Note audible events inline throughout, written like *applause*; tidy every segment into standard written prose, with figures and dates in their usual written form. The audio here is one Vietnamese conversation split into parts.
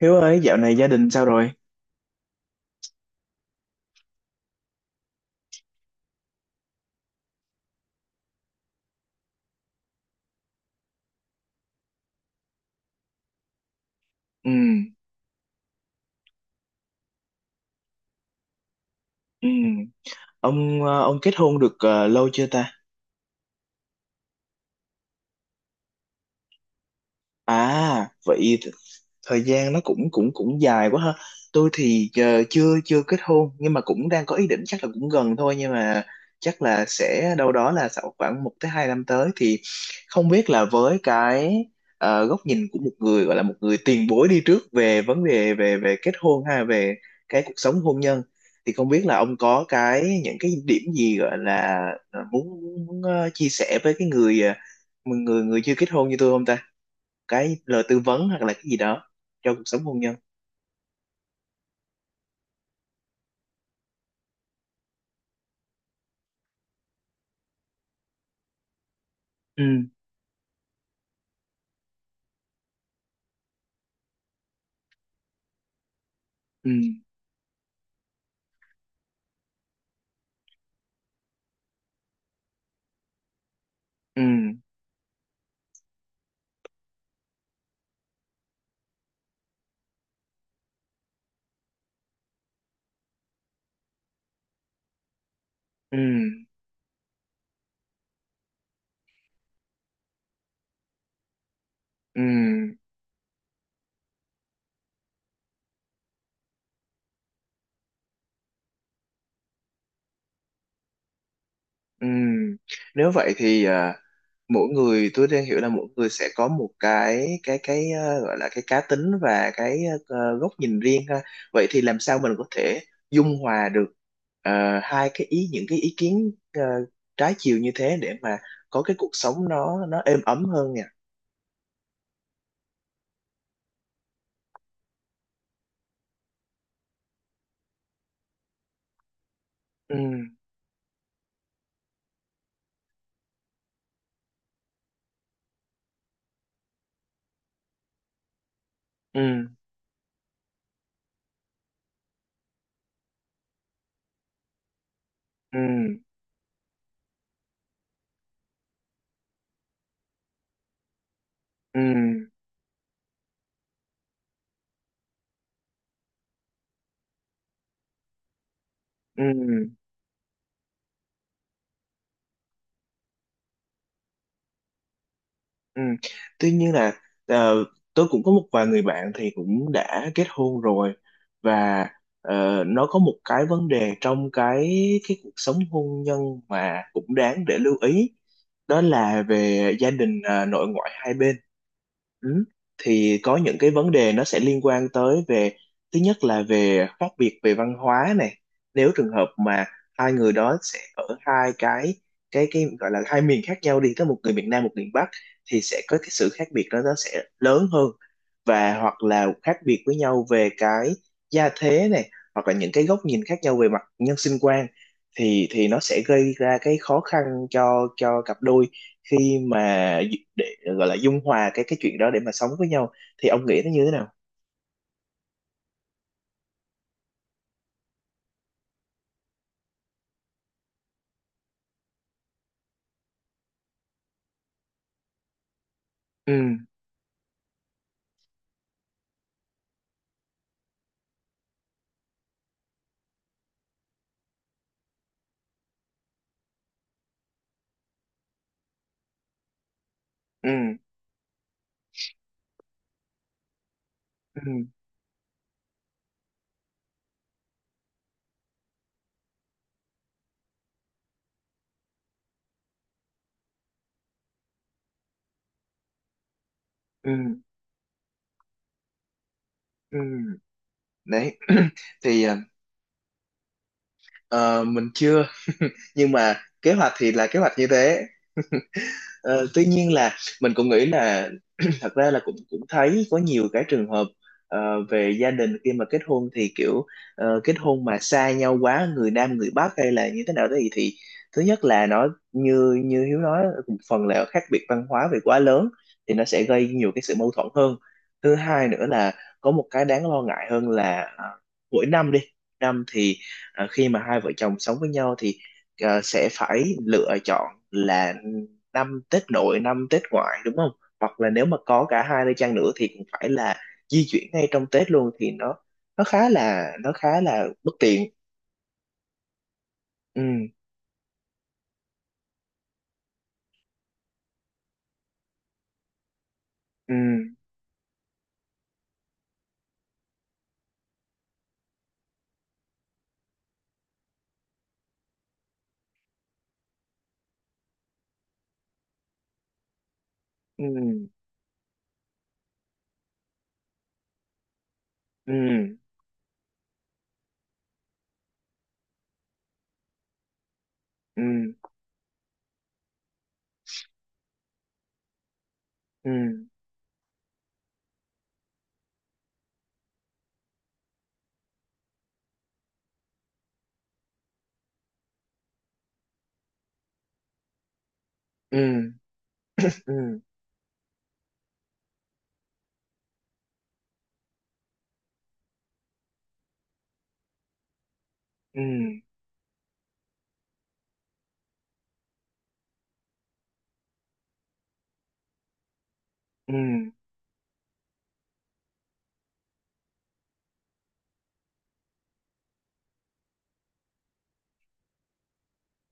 Hiếu ơi, dạo này gia đình sao rồi? Ừ, ừ. Ông kết hôn được lâu chưa ta? À vậy thời gian nó cũng cũng cũng dài quá ha. Tôi thì chưa chưa kết hôn nhưng mà cũng đang có ý định chắc là cũng gần thôi, nhưng mà chắc là sẽ đâu đó là sau khoảng 1 tới 2 năm tới thì không biết là với cái góc nhìn của một người, gọi là một người tiền bối đi trước, về vấn đề về về kết hôn ha, về cái cuộc sống hôn nhân, thì không biết là ông có cái những cái điểm gì gọi là ờ, muốn, muốn chia sẻ với cái người ờ, người người chưa kết hôn như tôi không ta? Cái lời tư vấn hoặc là cái gì đó cho cuộc sống hôn nhân. Ừ, ừ, ừ, ừ, ừ, ừ. Nếu vậy thì mỗi người, tôi đang hiểu là mỗi người sẽ có một cái gọi là cái cá tính, và cái góc nhìn riêng ha. Vậy thì làm sao mình có thể dung hòa được ờ, hai cái ý những cái ý kiến trái chiều như thế để mà có cái cuộc sống nó êm ấm hơn nhỉ? Ừ, ừ, ừ, ừ, ừ. Ừ. Tuy nhiên là ờ, tôi cũng có một vài người bạn thì cũng đã kết hôn rồi, và nó có một cái vấn đề trong cái cuộc sống hôn nhân mà cũng đáng để lưu ý, đó là về gia đình nội ngoại hai bên. Ừ. Thì có những cái vấn đề nó sẽ liên quan tới, về thứ nhất là về khác biệt về văn hóa này, nếu trường hợp mà hai người đó sẽ ở hai cái gọi là hai miền khác nhau đi, có một người miền Nam, một miền Bắc, thì sẽ có cái sự khác biệt đó nó sẽ lớn hơn, và hoặc là khác biệt với nhau về cái gia thế này, hoặc là những cái góc nhìn khác nhau về mặt nhân sinh quan, thì nó sẽ gây ra cái khó khăn cho cặp đôi khi mà để gọi là dung hòa cái chuyện đó để mà sống với nhau, thì ông nghĩ nó như thế nào? Ừ, ừ, ừ, ừ, ừ. Đấy. *clears throat* Thì ờ, mình chưa. *laughs* Nhưng mà kế hoạch thì là kế hoạch như thế. Ờ, Tuy nhiên là mình cũng nghĩ là, *clears throat* thật ra là cũng cũng thấy có nhiều cái trường hợp về gia đình khi mà kết hôn thì kiểu kết hôn mà xa nhau quá, người Nam người Bắc hay là như thế nào đó thì, thứ nhất là nó như như Hiếu nói, một phần là khác biệt văn hóa về quá lớn thì nó sẽ gây nhiều cái sự mâu thuẫn hơn. Thứ hai nữa là có một cái đáng lo ngại hơn là mỗi năm đi, năm thì khi mà hai vợ chồng sống với nhau thì sẽ phải lựa chọn là năm Tết nội năm Tết ngoại đúng không, hoặc là nếu mà có cả hai nơi chăng nữa thì cũng phải là di chuyển ngay trong Tết luôn, thì nó khá là bất tiện. Ừ, ừ, ừ, ừ, ừ, ừ, ừ, ừ, ừ, ừ,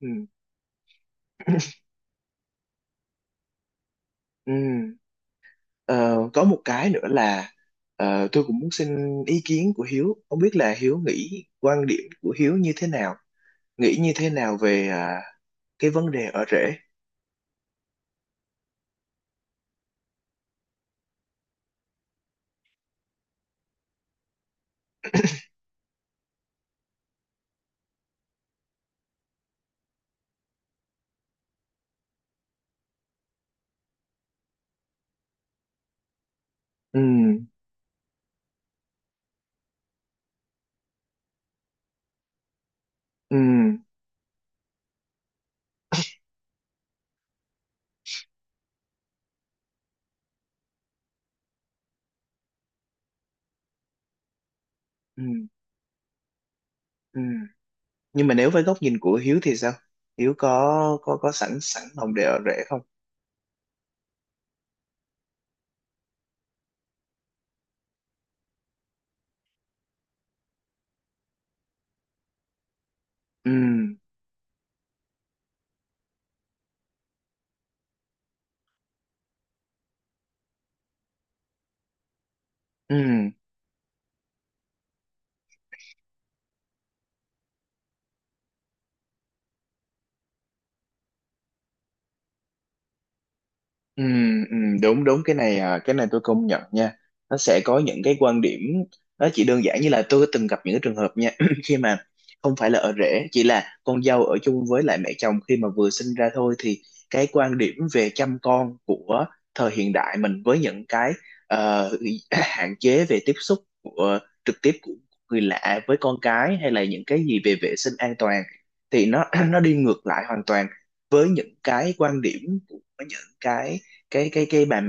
ừ, ừ. Ờ, có một cái nữa là tôi cũng muốn xin ý kiến của Hiếu, không biết là Hiếu nghĩ, quan điểm của Hiếu như thế nào, nghĩ như thế nào về cái vấn đề ở rễ. Ừ, ừ, ừ, ừ. Nhưng mà nếu với góc nhìn của Hiếu thì sao, Hiếu có sẵn sẵn lòng để ở rể không? Ừ, ừ. Ừ, ừ, đúng, đúng. Cái này tôi công nhận nha, nó sẽ có những cái quan điểm, nó chỉ đơn giản như là tôi từng gặp những cái trường hợp nha. *clears throat* Khi mà không phải là ở rể, chỉ là con dâu ở chung với lại mẹ chồng khi mà vừa sinh ra thôi, thì cái quan điểm về chăm con của thời hiện đại mình với những cái ờ, *clears throat* hạn chế về tiếp xúc của, trực tiếp của người lạ với con cái, hay là những cái gì về vệ sinh an toàn thì nó *clears throat* nó đi ngược lại hoàn toàn với những cái quan điểm của những cái bà,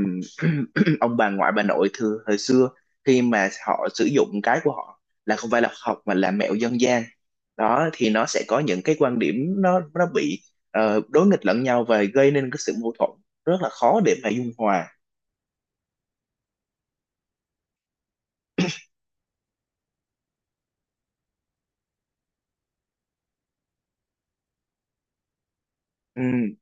*clears throat* ông bà ngoại bà nội thường hồi xưa, khi mà họ sử dụng cái của họ là không phải là học mà là mẹo dân gian đó, thì nó sẽ có những cái quan điểm nó bị đối nghịch lẫn nhau và gây nên cái sự mâu thuẫn rất là khó để mà dung hòa. Ừ,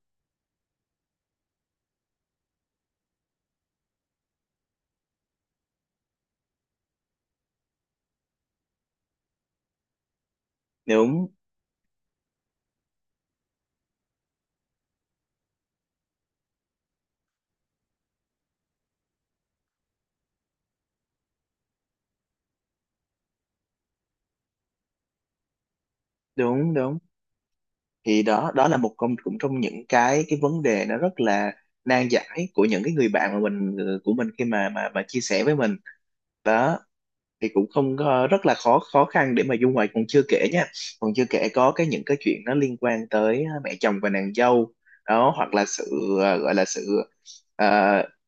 đúng, đúng, đúng. Thì đó đó là một công cũng trong những cái vấn đề nó rất là nan giải của những cái người bạn của mình khi mà mà chia sẻ với mình đó, thì cũng không có- rất là khó khó khăn để mà dung ngoại, còn chưa kể nha, còn chưa kể có cái những cái chuyện nó liên quan tới mẹ chồng và nàng dâu đó, hoặc là sự ờ, gọi là sự ờ,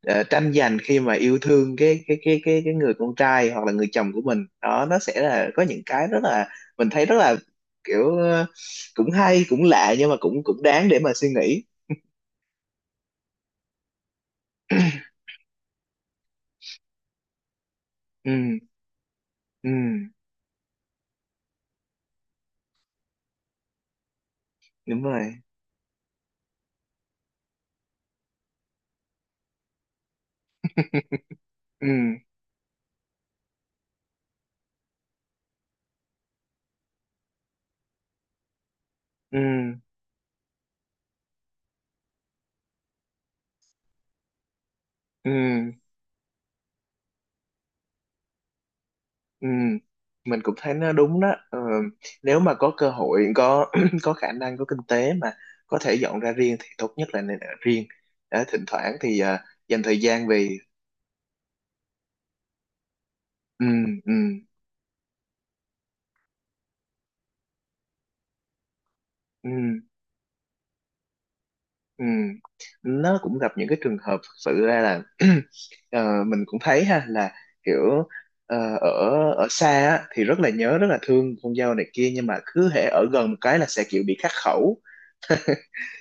ờ, tranh giành khi mà yêu thương cái người con trai hoặc là người chồng của mình, đó nó sẽ là có những cái rất là, mình thấy rất là kiểu cũng hay cũng lạ, nhưng mà cũng cũng đáng để mà suy nghĩ. *clears throat* Ừ, ừ, đúng rồi. *laughs* Ừ, ừ, ừ. Ừ, mình cũng thấy nó đúng đó. Ờ, Nếu mà có cơ hội, có *clears throat* có khả năng, có kinh tế mà có thể dọn ra riêng thì tốt nhất là nên ở riêng. Đó, thỉnh thoảng thì dành thời gian về. Ừ, ừ, ừ, ừ. Nó cũng gặp những cái trường hợp thực sự ra là, *clears throat* mình cũng thấy ha, là kiểu ở ở xa á, thì rất là nhớ, rất là thương con dâu này kia, nhưng mà cứ hễ ở gần một cái là sẽ kiểu bị khắc khẩu,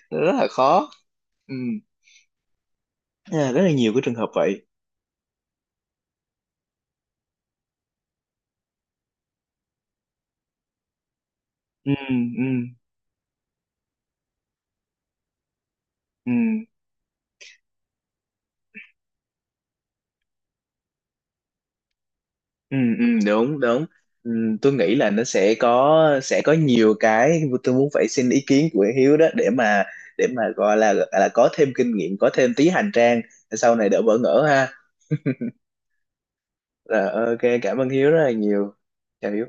rất là khó. Ừ. Nên rất là nhiều cái trường hợp vậy. Ừ, ừ, ừ, ừ, ừ, đúng, đúng. Ừ, tôi nghĩ là nó sẽ có nhiều cái tôi muốn phải xin ý kiến của Hiếu đó, để mà gọi là có thêm kinh nghiệm, có thêm tí hành trang, sau này đỡ bỡ ngỡ ha. Rồi ok, cảm ơn Hiếu rất là nhiều. Chào Hiếu.